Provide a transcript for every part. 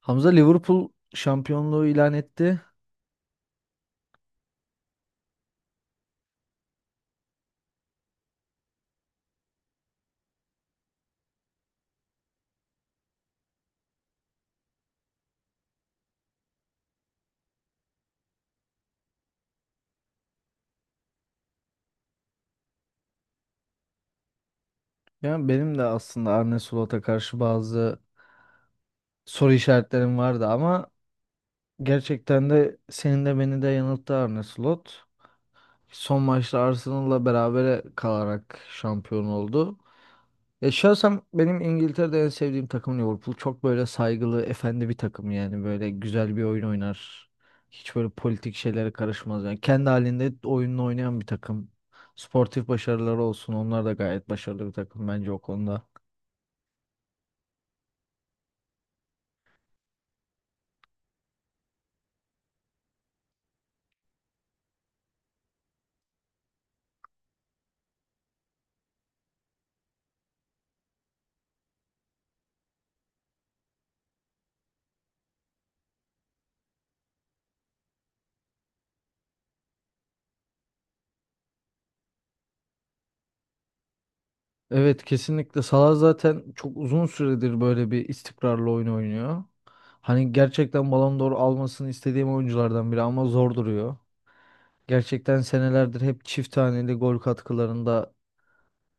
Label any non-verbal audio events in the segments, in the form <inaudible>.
Hamza Liverpool şampiyonluğu ilan etti. Yani benim de aslında Arne Slot'a karşı bazı soru işaretlerim vardı ama gerçekten de senin de beni de yanılttı Arne Slot. Son maçta Arsenal'la berabere kalarak şampiyon oldu. Ya şahsen benim İngiltere'de en sevdiğim takım Liverpool. Çok böyle saygılı, efendi bir takım yani. Böyle güzel bir oyun oynar. Hiç böyle politik şeylere karışmaz. Yani kendi halinde oyununu oynayan bir takım. Sportif başarıları olsun. Onlar da gayet başarılı bir takım bence o konuda. Evet, kesinlikle. Salah zaten çok uzun süredir böyle bir istikrarlı oyun oynuyor. Hani gerçekten Ballon d'Or almasını istediğim oyunculardan biri ama zor duruyor. Gerçekten senelerdir hep çift haneli gol katkılarında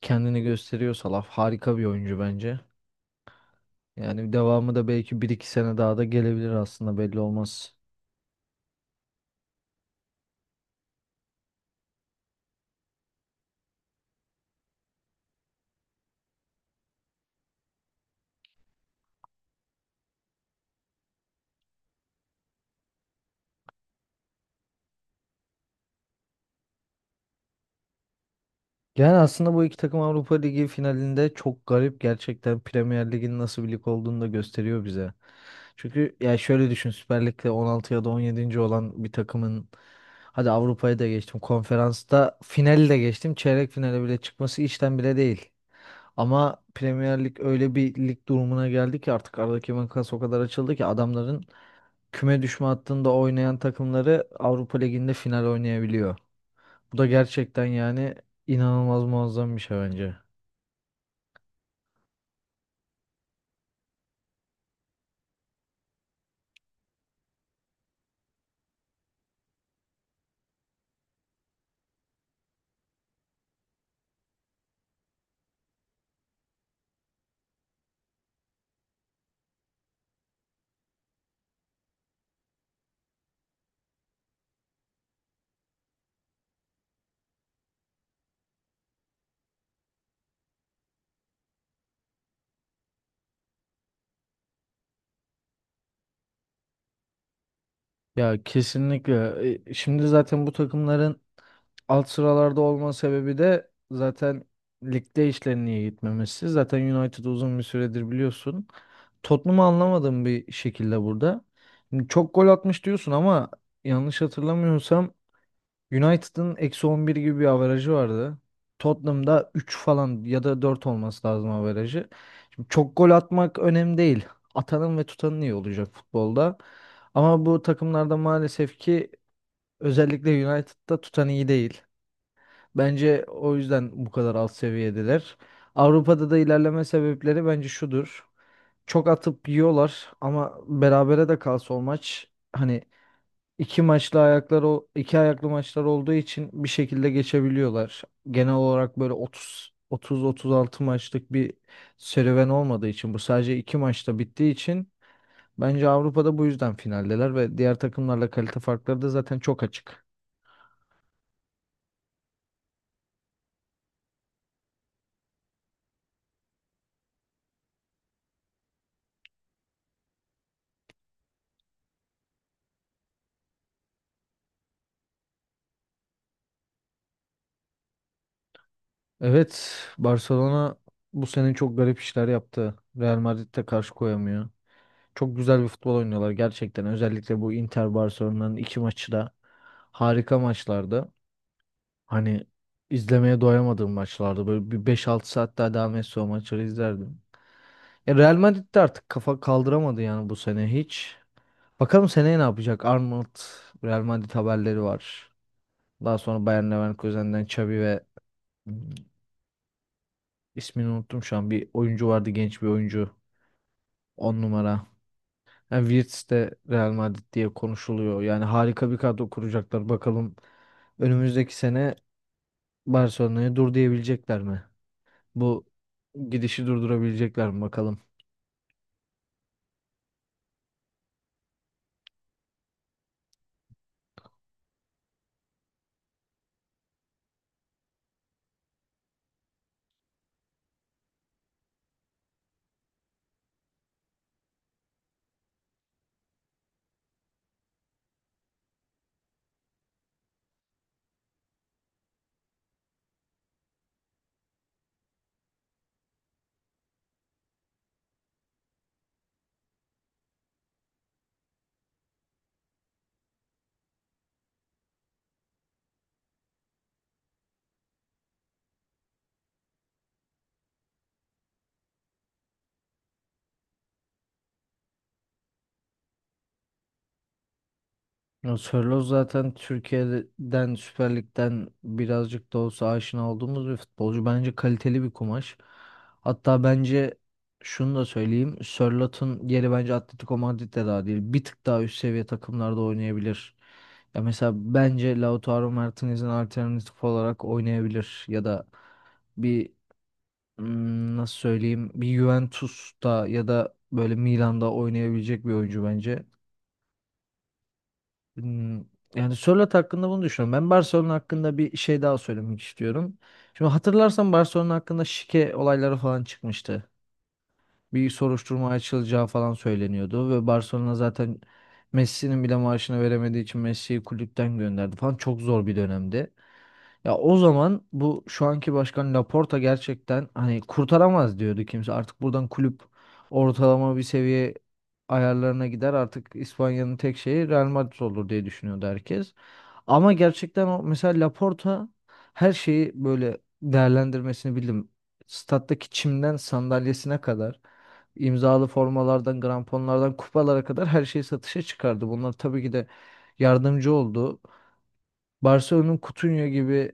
kendini gösteriyorsa laf harika bir oyuncu bence. Yani devamı da belki bir iki sene daha da gelebilir, aslında belli olmaz. Yani aslında bu iki takım Avrupa Ligi finalinde çok garip, gerçekten Premier Lig'in nasıl bir lig olduğunu da gösteriyor bize. Çünkü ya şöyle düşün, Süper Lig'de 16 ya da 17. olan bir takımın hadi Avrupa'yı da geçtim, konferansta finali de geçtim, çeyrek finale bile çıkması işten bile değil. Ama Premier Lig öyle bir lig durumuna geldi ki artık aradaki makas o kadar açıldı ki adamların küme düşme hattında oynayan takımları Avrupa Ligi'nde final oynayabiliyor. Bu da gerçekten yani inanılmaz, muazzam bir şey bence. Ya kesinlikle. Şimdi zaten bu takımların alt sıralarda olma sebebi de zaten ligde işlerinin iyi gitmemesi. Zaten United uzun bir süredir biliyorsun. Tottenham'ı anlamadığım bir şekilde burada. Şimdi çok gol atmış diyorsun ama yanlış hatırlamıyorsam United'ın -11 gibi bir averajı vardı. Tottenham'da 3 falan ya da 4 olması lazım averajı. Şimdi çok gol atmak önemli değil. Atanın ve tutanın iyi olacak futbolda. Ama bu takımlarda maalesef ki özellikle United'da tutan iyi değil. Bence o yüzden bu kadar alt seviyedeler. Avrupa'da da ilerleme sebepleri bence şudur. Çok atıp yiyorlar ama berabere de kalsa o maç, hani, İki maçlı ayaklar, o iki ayaklı maçlar olduğu için bir şekilde geçebiliyorlar. Genel olarak böyle otuz otuz otuz altı maçlık bir serüven olmadığı için, bu sadece iki maçta bittiği için bence Avrupa'da bu yüzden finaldeler ve diğer takımlarla kalite farkları da zaten çok açık. Evet, Barcelona bu sene çok garip işler yaptı. Real Madrid'e karşı koyamıyor. Çok güzel bir futbol oynuyorlar gerçekten. Özellikle bu Inter Barcelona'nın iki maçı da harika maçlardı. Hani izlemeye doyamadığım maçlardı. Böyle bir beş altı saat daha devam etse o maçları izlerdim. Real Madrid de artık kafa kaldıramadı yani, bu sene hiç. Bakalım seneye ne yapacak? Arnold, Real Madrid haberleri var. Daha sonra Bayer Leverkusen'den Xavi ve İsmini unuttum şu an. Bir oyuncu vardı, genç bir oyuncu. 10 numara. Yani Wirtz de Real Madrid diye konuşuluyor. Yani harika bir kadro kuracaklar. Bakalım önümüzdeki sene Barcelona'ya dur diyebilecekler mi? Bu gidişi durdurabilecekler mi bakalım. Ya Sörloth zaten Türkiye'den Süper Lig'den birazcık da olsa aşina olduğumuz bir futbolcu. Bence kaliteli bir kumaş. Hatta bence şunu da söyleyeyim, Sörloth'un yeri bence Atletico Madrid'de daha değil. Bir tık daha üst seviye takımlarda oynayabilir. Ya mesela bence Lautaro Martinez'in alternatif olarak oynayabilir. Ya da bir nasıl söyleyeyim, bir Juventus'ta ya da böyle Milan'da oynayabilecek bir oyuncu bence. Hmm, Yani Sörloth hakkında bunu düşünüyorum. Ben Barcelona hakkında bir şey daha söylemek istiyorum. Şimdi hatırlarsan Barcelona hakkında şike olayları falan çıkmıştı. Bir soruşturma açılacağı falan söyleniyordu ve Barcelona zaten Messi'nin bile maaşını veremediği için Messi'yi kulüpten gönderdi falan. Çok zor bir dönemdi. Ya o zaman bu şu anki başkan Laporta, gerçekten hani kurtaramaz diyordu kimse. Artık buradan kulüp ortalama bir seviye ayarlarına gider, artık İspanya'nın tek şeyi Real Madrid olur diye düşünüyordu herkes. Ama gerçekten o mesela Laporta her şeyi böyle değerlendirmesini bildim. Stat'taki çimden sandalyesine kadar, imzalı formalardan, gramponlardan, kupalara kadar her şeyi satışa çıkardı. Bunlar tabii ki de yardımcı oldu. Barcelona'nın Coutinho gibi,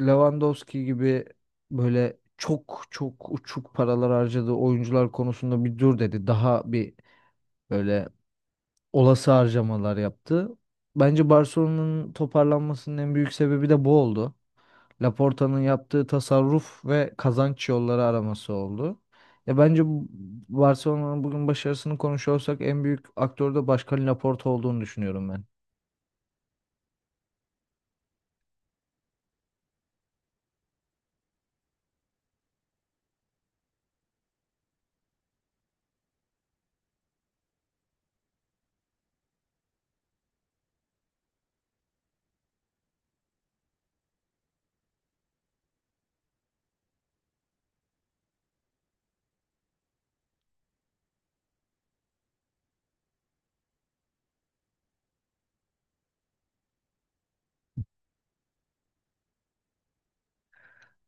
Lewandowski gibi böyle çok çok uçuk paralar harcadığı oyuncular konusunda bir dur dedi. Daha bir böyle olası harcamalar yaptı. Bence Barcelona'nın toparlanmasının en büyük sebebi de bu oldu. Laporta'nın yaptığı tasarruf ve kazanç yolları araması oldu. Ya bence bu- Barcelona'nın bugün başarısını konuşuyorsak en büyük aktör de Başkan Laporta olduğunu düşünüyorum ben.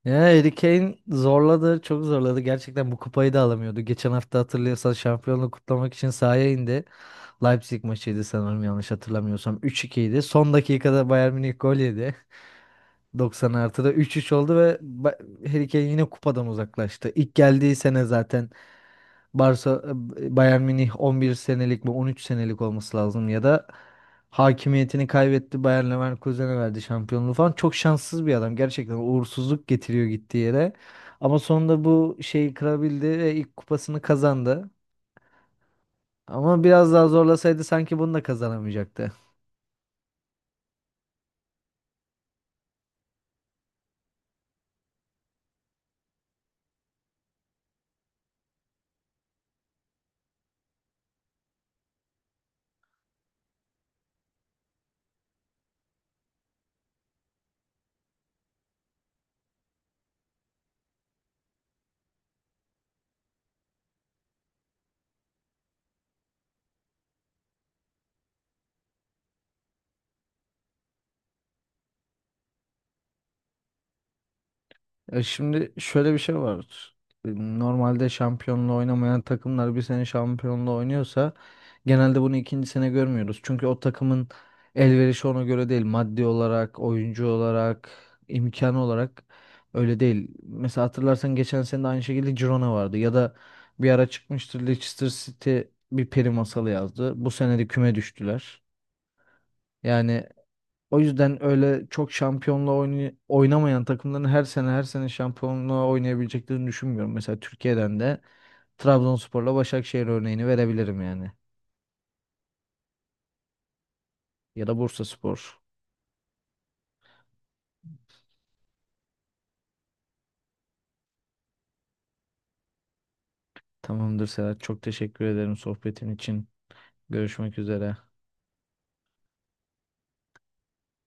Ya Harry Kane zorladı, çok zorladı. Gerçekten bu kupayı da alamıyordu. Geçen hafta hatırlıyorsan şampiyonluğu kutlamak için sahaya indi. Leipzig maçıydı sanırım, yanlış hatırlamıyorsam. Üç 2 idi. Son dakikada Bayern Münih gol yedi. <laughs> 90 artıda 3-3 oldu ve Harry Kane yine kupadan uzaklaştı. İlk geldiği sene zaten Barça Bayern Münih 11 senelik mi 13 senelik olması lazım, ya da hakimiyetini kaybetti, Bayer Leverkusen'e verdi şampiyonluğu falan. Çok şanssız bir adam. Gerçekten uğursuzluk getiriyor gittiği yere. Ama sonunda bu şeyi kırabildi ve ilk kupasını kazandı. Ama biraz daha zorlasaydı sanki bunu da kazanamayacaktı. Şimdi şöyle bir şey var. E, Normalde şampiyonla oynamayan takımlar bir sene şampiyonla oynuyorsa genelde bunu ikinci sene görmüyoruz. Çünkü o takımın elverişi ona göre değil. Maddi olarak, oyuncu olarak, imkan olarak öyle değil. Mesela hatırlarsan geçen sene de aynı şekilde Girona vardı. Ya da bir ara çıkmıştır, Leicester City bir peri masalı yazdı. Bu sene de küme düştüler. Yani o yüzden öyle çok şampiyonla oynamayan takımların her sene her sene şampiyonluğa oynayabileceklerini düşünmüyorum. Mesela Türkiye'den de Trabzonspor'la Başakşehir örneğini verebilirim yani. Ya da Bursaspor. Tamamdır Serhat. Çok teşekkür ederim sohbetin için. Görüşmek üzere.